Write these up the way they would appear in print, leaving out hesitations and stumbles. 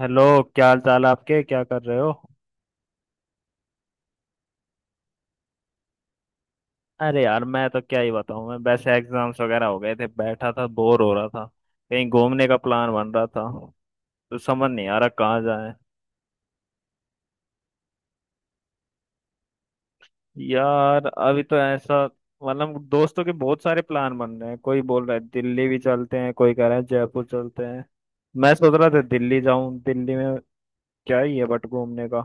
Hello. क्या हाल चाल आपके, क्या कर रहे हो? अरे यार मैं तो क्या ही बताऊं, मैं वैसे एग्जाम्स वगैरह हो गए थे, बैठा था बोर हो रहा था। कहीं घूमने का प्लान बन रहा था तो समझ नहीं आ रहा कहाँ जाए। यार अभी तो ऐसा, मतलब दोस्तों के बहुत सारे प्लान बन रहे हैं, कोई बोल रहा है दिल्ली भी चलते हैं, कोई कह रहा है जयपुर चलते हैं। मैं सोच रहा था दिल्ली जाऊं, दिल्ली में क्या ही है बट घूमने का।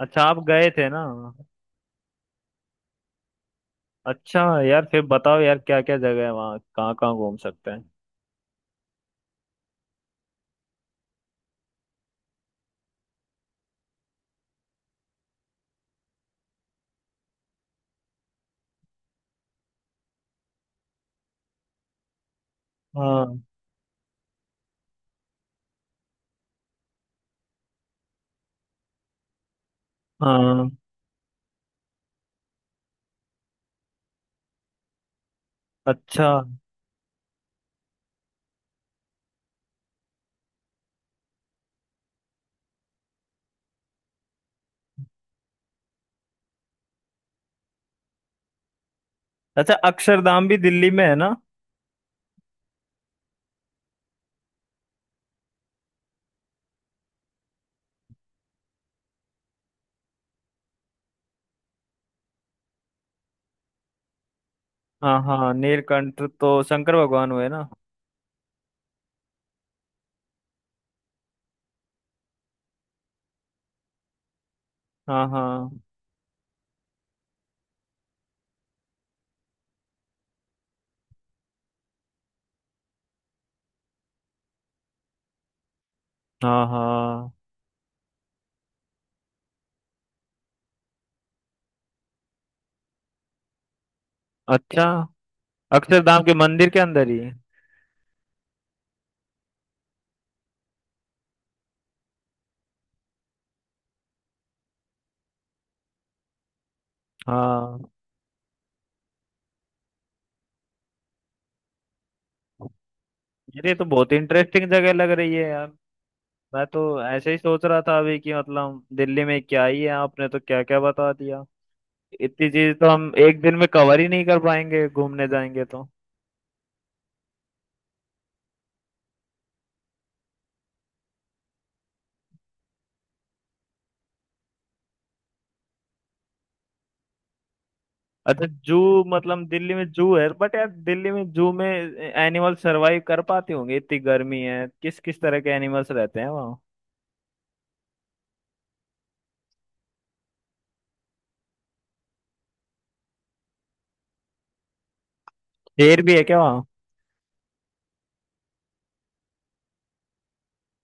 अच्छा आप गए थे ना। अच्छा यार फिर बताओ यार, क्या क्या जगह है वहाँ, कहाँ कहाँ घूम सकते हैं। हाँ हाँ। अच्छा अच्छा, अक्षरधाम भी दिल्ली में है ना? हाँ हाँ, नीलकंठ तो शंकर भगवान हुए ना? हाँ हाँ। हाँ हाँ। अच्छा, अक्षरधाम के मंदिर के अंदर ही? हाँ। यार ये तो बहुत इंटरेस्टिंग जगह लग रही है यार। मैं तो ऐसे ही सोच रहा था अभी कि मतलब दिल्ली में क्या ही है, आपने तो क्या क्या बता दिया। इतनी चीज तो हम एक दिन में कवर ही नहीं कर पाएंगे घूमने जाएंगे तो। अच्छा जू, मतलब दिल्ली में जू है? बट यार दिल्ली में जू में एनिमल सरवाइव कर पाते होंगे? इतनी गर्मी है, किस किस तरह के एनिमल्स रहते हैं वहाँ? शेर भी है क्या वहाँ?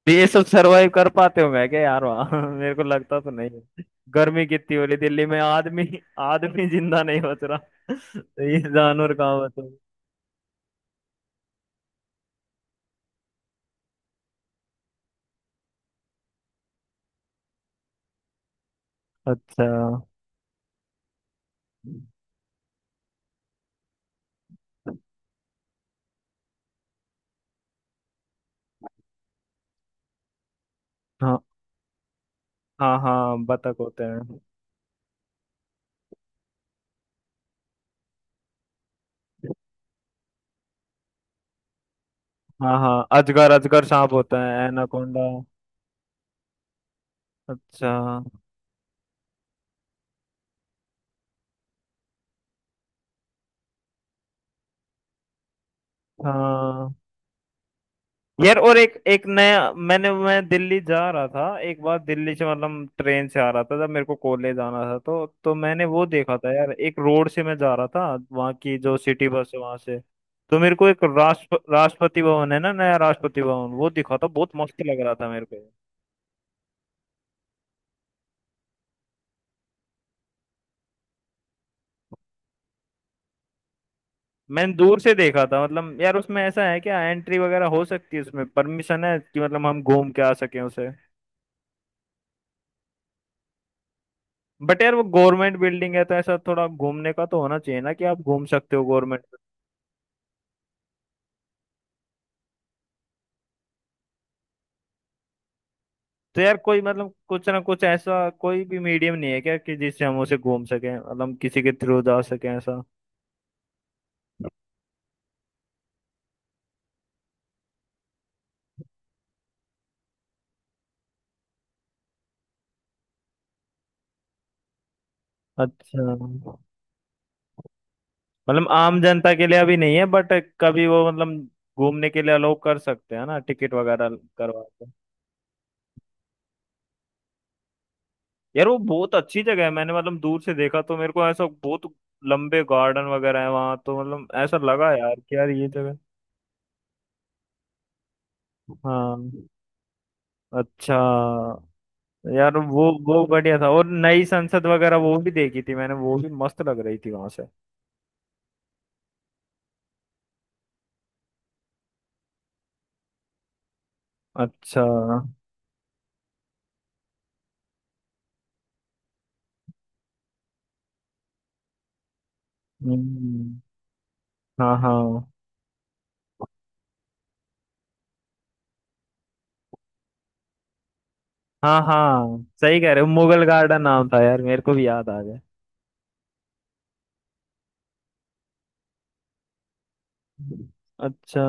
भी ये सब सरवाइव कर पाते होंगे क्या यार वहाँ मेरे को लगता तो नहीं है। गर्मी कितनी हो रही दिल्ली में, आदमी आदमी जिंदा नहीं बच रहा तो ये जानवर कहाँ बचे। अच्छा। हाँ हाँ। हाँ बतख होते हैं। हाँ हाँ, अजगर। अजगर सांप होता है, एनाकोंडा। अच्छा। हाँ यार, और एक एक नया मैंने, मैं दिल्ली जा रहा था, एक बार दिल्ली से मतलब ट्रेन से आ रहा था जब मेरे को कॉलेज आना था, तो मैंने वो देखा था यार, एक रोड से मैं जा रहा था, वहाँ की जो सिटी बस है वहाँ से, तो मेरे को एक राष्ट्रपति भवन है ना, नया राष्ट्रपति भवन वो दिखा था, बहुत मस्त लग रहा था मेरे को। मैंने दूर से देखा था मतलब, यार उसमें ऐसा है क्या, एंट्री वगैरह हो सकती है उसमें? परमिशन है कि मतलब हम घूम के आ सकें उसे? बट यार वो गवर्नमेंट बिल्डिंग है तो ऐसा थोड़ा घूमने का तो होना चाहिए ना कि आप घूम सकते हो गवर्नमेंट। तो यार कोई मतलब कुछ ना कुछ ऐसा कोई भी मीडियम नहीं है क्या कि जिससे हम उसे घूम सकें, मतलब हम किसी के थ्रू जा सकें ऐसा? अच्छा, मतलब आम जनता के लिए अभी नहीं है बट कभी वो मतलब घूमने के लिए अलाउ कर सकते हैं ना, टिकट वगैरह करवा के। यार वो बहुत अच्छी जगह है, मैंने मतलब दूर से देखा तो मेरे को ऐसा बहुत लंबे गार्डन वगैरह है वहां तो, मतलब ऐसा लगा यार कि यार ये जगह। हाँ। अच्छा यार वो बढ़िया था, और नई संसद वगैरह वो भी देखी थी मैंने, वो भी मस्त लग रही थी वहां। अच्छा। हम्म। हाँ हाँ। हाँ हाँ, सही कह रहे हो, मुगल गार्डन नाम था यार, मेरे को भी याद आ गया। अच्छा।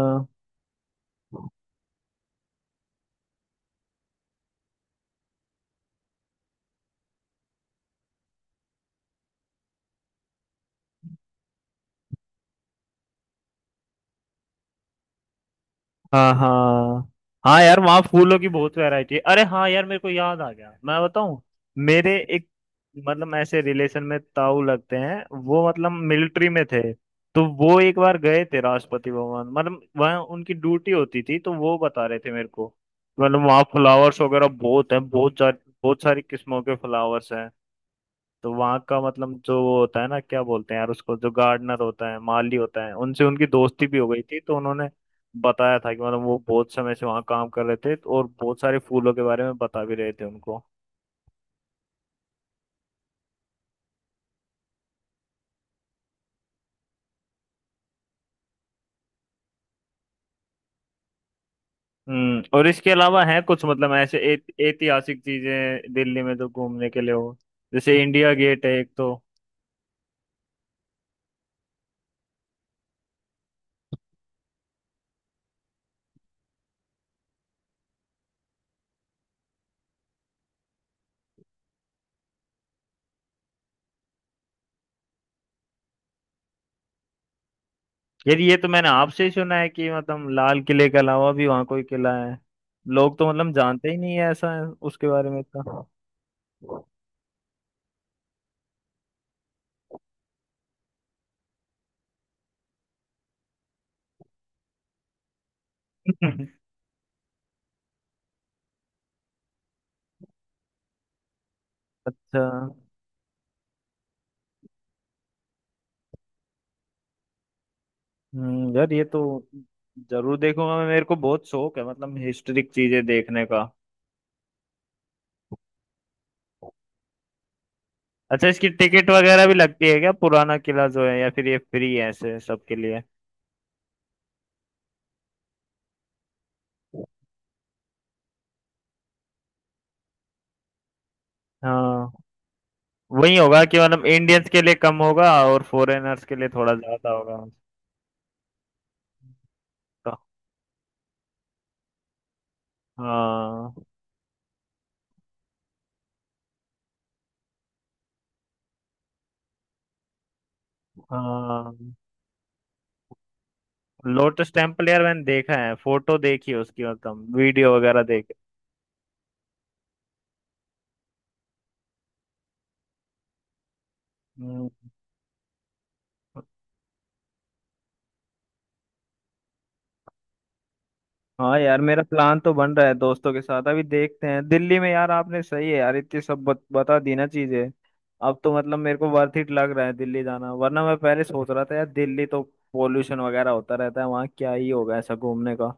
हाँ हाँ। हाँ यार वहाँ फूलों की बहुत वैरायटी है। अरे हाँ यार मेरे को याद आ गया, मैं बताऊँ, मेरे एक, मतलब ऐसे रिलेशन में ताऊ लगते हैं, वो मतलब मिलिट्री में थे, तो वो एक बार गए थे राष्ट्रपति भवन, मतलब वहाँ उनकी ड्यूटी होती थी, तो वो बता रहे थे मेरे को, मतलब वहाँ फ्लावर्स वगैरह बहुत हैं, बहुत सारी किस्मों के फ्लावर्स हैं। तो वहाँ का मतलब जो वो होता है ना, क्या बोलते हैं यार उसको, जो गार्डनर होता है, माली होता है, उनसे उनकी दोस्ती भी हो गई थी, तो उन्होंने बताया था कि मतलब वो बहुत समय से वहाँ काम कर रहे थे और बहुत सारे फूलों के बारे में बता भी रहे थे उनको। हम्म, और इसके अलावा है कुछ मतलब ऐसे ऐतिहासिक चीजें दिल्ली में जो घूमने के लिए हो, जैसे इंडिया गेट है एक तो। यार ये तो मैंने आपसे ही सुना है कि मतलब लाल किले के अलावा भी वहाँ कोई किला है, लोग तो मतलब जानते ही नहीं है, ऐसा है उसके बारे में इतना। अच्छा। यार ये तो जरूर देखूंगा मैं, मेरे को बहुत शौक है मतलब हिस्टोरिक चीजें देखने का। अच्छा, इसकी टिकट वगैरह भी लगती है क्या पुराना किला जो है, या फिर ये फ्री है ऐसे सबके लिए? हाँ वही होगा कि मतलब इंडियंस के लिए कम होगा और फॉरेनर्स के लिए थोड़ा ज्यादा होगा। तो हाँ हाँ। लोटस टेम्पल, यार मैंने देखा है, फोटो देखी है उसकी, मतलब वीडियो वगैरह देखे। हम्म। हाँ यार मेरा प्लान तो बन रहा है दोस्तों के साथ, अभी देखते हैं दिल्ली में, यार आपने सही है यार इतनी सब बता दी ना चीजें। अब तो मतलब मेरे को वर्थ इट लग रहा है दिल्ली जाना, वरना मैं पहले सोच रहा था यार दिल्ली तो पोल्यूशन वगैरह होता रहता है वहाँ, क्या ही होगा ऐसा घूमने का।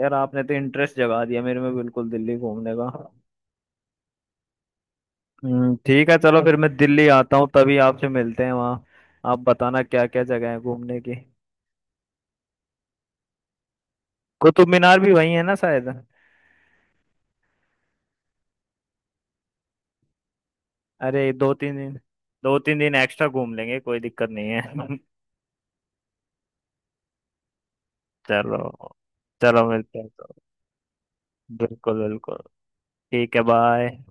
यार आपने तो इंटरेस्ट जगा दिया मेरे में बिल्कुल दिल्ली घूमने का। ठीक है, चलो फिर मैं दिल्ली आता हूँ तभी आपसे मिलते हैं वहाँ। आप बताना क्या क्या जगह है घूमने की। कुतुब मीनार भी वही है ना शायद? अरे दो तीन दिन, दो तीन दिन एक्स्ट्रा घूम लेंगे, कोई दिक्कत नहीं है। चलो, चलो मिलते हैं तो। बिल्कुल बिल्कुल। ठीक है बाय।